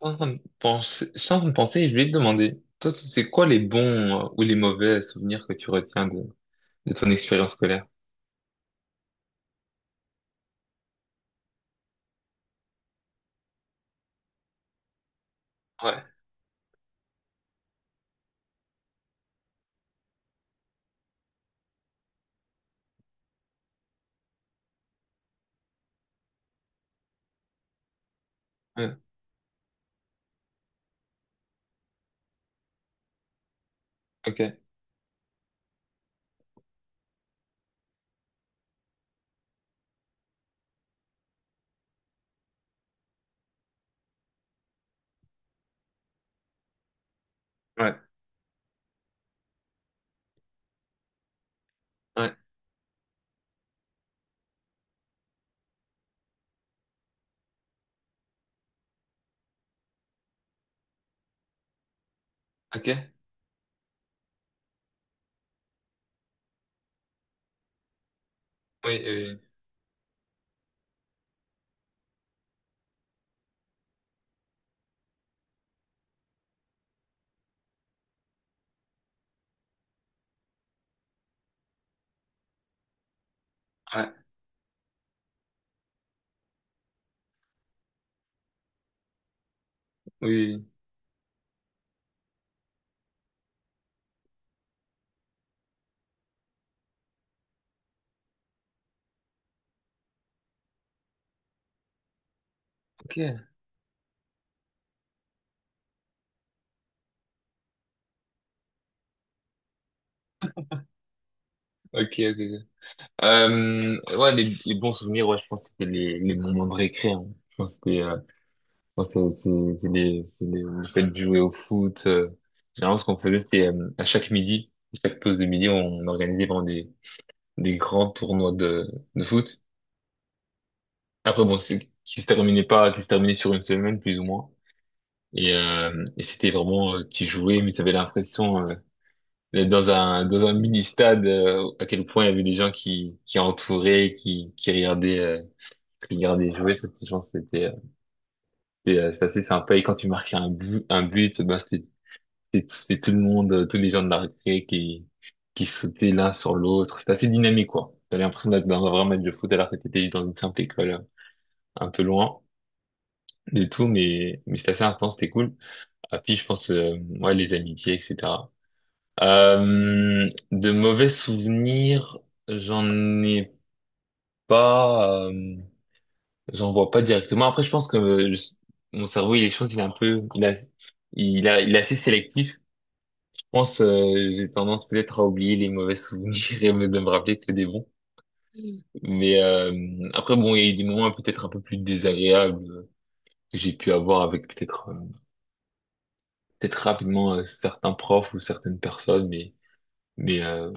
Sans penser, sans penser, je vais te demander, toi, tu sais quoi les bons ou les mauvais souvenirs que tu retiens de ton expérience scolaire? Ouais, ouais, ok, ouais, ouais, ok, oui, oui, oui, ouais, oui, oui. Ok, ok, ok. Ok. Ouais, les bons souvenirs, ouais, je pense que c'était les moments de récré, hein. Je pense que c'était, moi, c'est les, le fait de jouer au foot. Généralement, ce qu'on faisait, c'était à chaque midi, à chaque pause de midi, on organisait vraiment des grands tournois de foot. Après, bon, c'est qui se terminait pas, qui se terminait sur une semaine, plus ou moins. Et c'était vraiment, tu jouais, mais tu avais l'impression d'être dans un mini-stade, à quel point il y avait des gens qui entouraient, qui regardaient, qui regardaient jouer. Je pense que c'est assez sympa. Et quand tu marquais un but, ben, c'était tout le monde, tous les gens de la récré qui sautaient l'un sur l'autre. C'était assez dynamique, quoi. T'avais l'impression d'être dans un vrai match de foot alors que t'étais dans une simple école, un peu loin. Du tout, mais c'était assez intense, c'était cool. Ah, puis je pense, ouais, les amitiés, etc. De mauvais souvenirs, j'en ai pas, j'en vois pas directement. Après, je pense que mon cerveau, il est, je pense qu'il est un peu, il est assez sélectif. Je pense, j'ai tendance peut-être à oublier les mauvais souvenirs et de me rappeler que des bons. Mais après, bon, il y a eu des moments peut-être un peu plus désagréables que j'ai pu avoir avec peut-être rapidement certains profs ou certaines personnes, mais euh,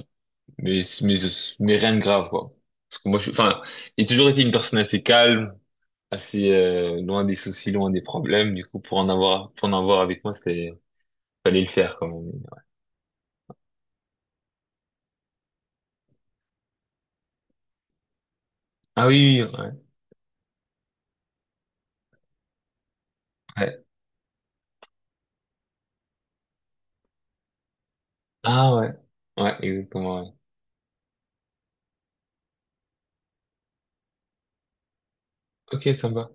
mais mais mais rien de grave quoi. Parce que moi, enfin, j'ai toujours été une personne assez calme, assez loin des soucis, loin des problèmes. Du coup, pour en avoir avec moi, c'était fallait le faire quand même. Ah oui, oui, ouais, ouais. Ah ouais, ouais, exactement. Ouais. Ok, sympa.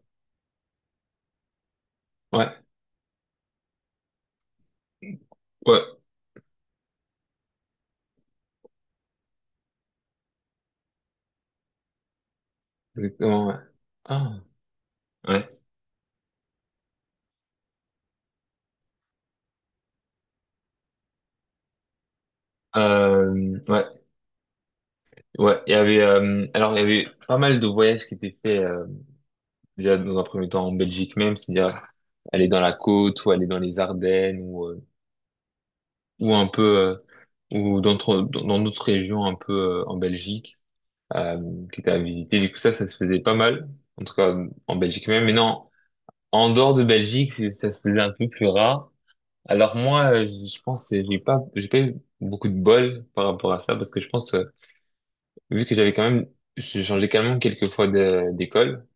Ouais, ouais, exactement. Ouais. Ah ouais, ouais, ouais. Il y avait alors il y avait pas mal de voyages qui étaient faits. Déjà dans un premier temps en Belgique même, c'est-à-dire aller dans la côte ou aller dans les Ardennes ou un peu ou dans d'autres régions un peu en Belgique euh, qui étaient à visiter. Du coup ça se faisait pas mal en tout cas en Belgique même. Mais non, en dehors de Belgique, ça se faisait un peu plus rare. Alors moi, je pense que j'ai pas eu beaucoup de bol par rapport à ça parce que je pense vu que j'ai changé quand même quelques fois d'école.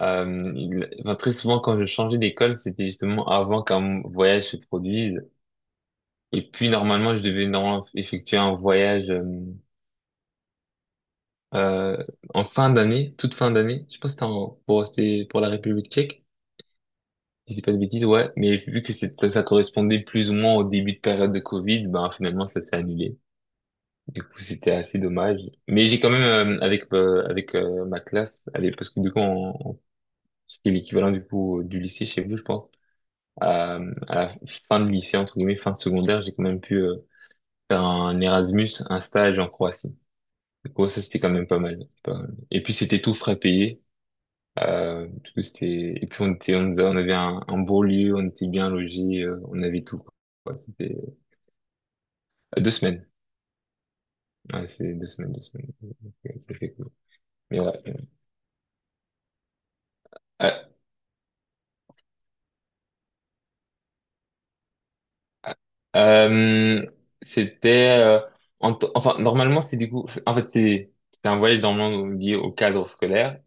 Enfin, très souvent, quand je changeais d'école, c'était justement avant qu'un voyage se produise. Et puis, normalement, je devais normalement effectuer un voyage euh, en fin d'année, toute fin d'année. Je pense que c'était pour la République tchèque, si je dis pas de bêtises, ouais. Mais vu que ça correspondait plus ou moins au début de période de Covid, ben finalement, ça s'est annulé. Du coup, c'était assez dommage. Mais j'ai quand même, avec avec ma classe, allez, parce que du coup, c'était l'équivalent du coup du lycée chez vous, je pense. À la fin de lycée, entre guillemets, fin de secondaire, j'ai quand même pu faire un Erasmus, un stage en Croatie. Du coup, ça, c'était quand même pas mal. Pas mal. Et puis, c'était tout frais payé. Du coup, c'était. Et puis, on était, on avait un beau lieu, on était bien logés, on avait tout, quoi. Ouais, c'était 2 semaines. Ouais, c'est 2 semaines, 2 semaines. C'était cool. Mais ouais. Euh, euh, euh, c'était en enfin, normalement c'est du coup en fait c'est un voyage normalement lié au cadre scolaire.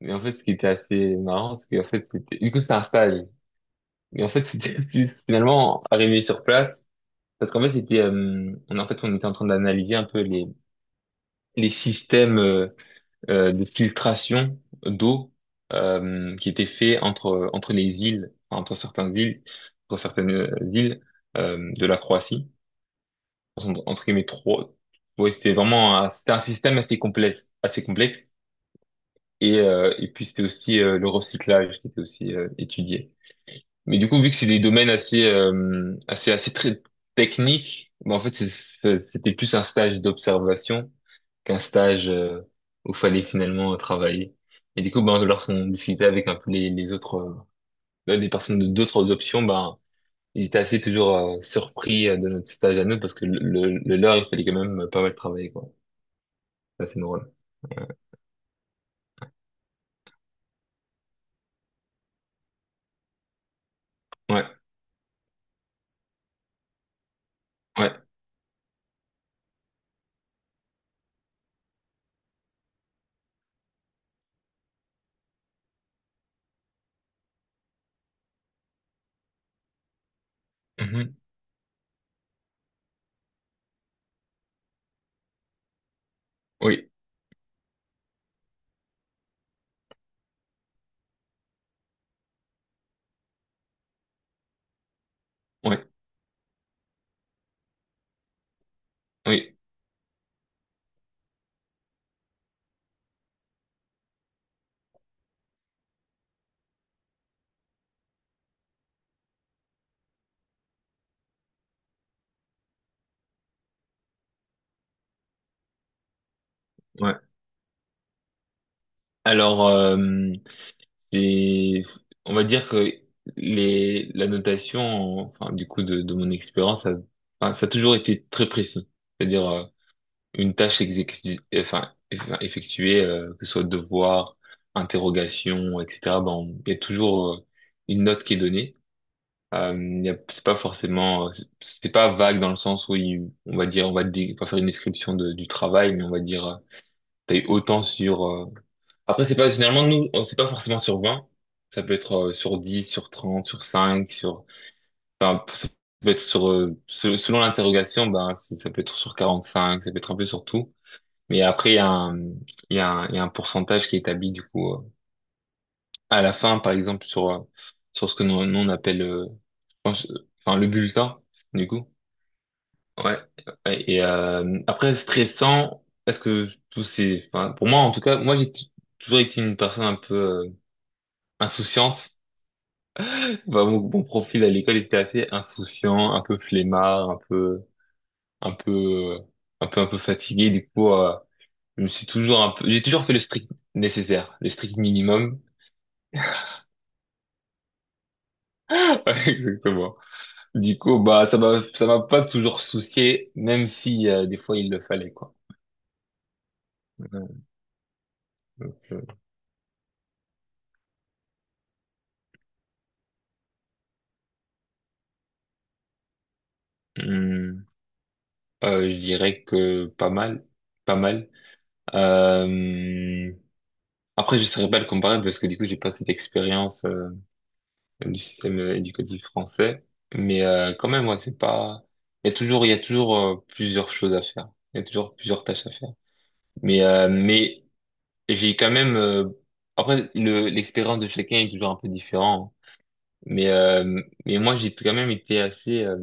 Mais en fait, ce qui était assez marrant, c'est qu'en fait, du coup, c'était un stage. Mais en fait, c'était plus finalement arrivé sur place, parce qu'en fait, c'était, on, en fait, on était en train d'analyser un peu les systèmes de filtration d'eau qui étaient faits entre les îles, enfin, entre certaines îles de la Croatie. Entre guillemets, trois. Ouais, c'était vraiment, c'était un système assez complexe, assez complexe. Et puis c'était aussi le recyclage qui était aussi étudié. Mais du coup, vu que c'est des domaines assez très techniques, bah, en fait, c'était plus un stage d'observation qu'un stage où fallait finalement travailler. Et du coup, ben, lorsqu'on discutait avec un peu les autres, les personnes de d'autres options, ben, ils étaient assez toujours surpris de notre stage à nous parce que le leur, il fallait quand même pas mal travailler, quoi. Ça, c'est drôle. Ouais, ouais, mhm, oui, ouais, oui, ouais. Alors. Et on va dire que la notation, enfin, du coup, de mon expérience, ça, enfin, ça a toujours été très précis. C'est-à-dire, une tâche exécutée, enfin, effectuée, que ce soit devoir, interrogation, etc., ben, il y a toujours, une note qui est donnée. C'est pas forcément, c'est pas vague dans le sens où on va dire, on va pas faire une description du travail, mais on va dire, t'as eu autant sur après, c'est pas, finalement, nous, on sait pas forcément sur 20. Ça peut être sur 10 sur 30 sur 5 sur, enfin, ça peut être sur, selon l'interrogation, ben, ça peut être sur 45, ça peut être un peu sur tout. Mais après, il y a un, il y a un, il y a un pourcentage qui est établi, du coup, à la fin, par exemple, sur ce que nous, nous, on appelle, je pense, enfin, le bulletin, du coup. Ouais. Ouais, et, après, stressant, est-ce que tous ces, enfin, pour moi, en tout cas, moi, j'ai toujours été une personne un peu, insouciante. Bah, mon profil à l'école était assez insouciant, un peu flemmard, un peu, un peu, un peu, un peu fatigué. Du coup, je me suis toujours un peu, j'ai toujours fait le strict nécessaire, le strict minimum. Exactement. Du coup, bah, ça m'a pas toujours soucié, même si, des fois il le fallait, quoi. Donc, hum, je dirais que pas mal, pas mal. Euh, Après, je saurais pas le comparer parce que du coup, j'ai pas cette expérience. Du système éducatif français. Mais quand même, ouais, c'est pas. Il y a toujours plusieurs choses à faire. Il y a toujours plusieurs tâches à faire. Mais j'ai quand même. Après, le l'expérience de chacun est toujours un peu différente. Mais moi, j'ai quand même été assez.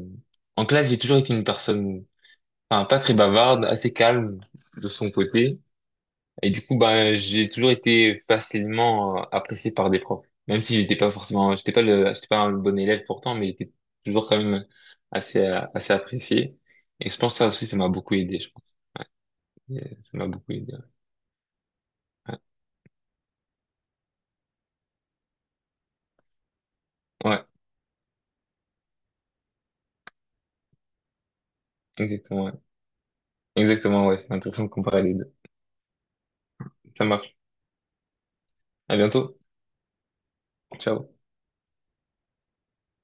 En classe, j'ai toujours été une personne, enfin, pas très bavarde, assez calme de son côté. Et du coup, bah, j'ai toujours été facilement apprécié par des profs. Même si j'étais pas forcément, j'étais pas un bon élève pourtant, mais j'étais toujours quand même assez apprécié. Et je pense que ça aussi, ça m'a beaucoup aidé, je pense. Euh, Ça m'a beaucoup aidé. Ouais, ouais, exactement, ouais. Exactement, ouais. C'est intéressant de comparer les deux. Ça marche. À bientôt. Ciao.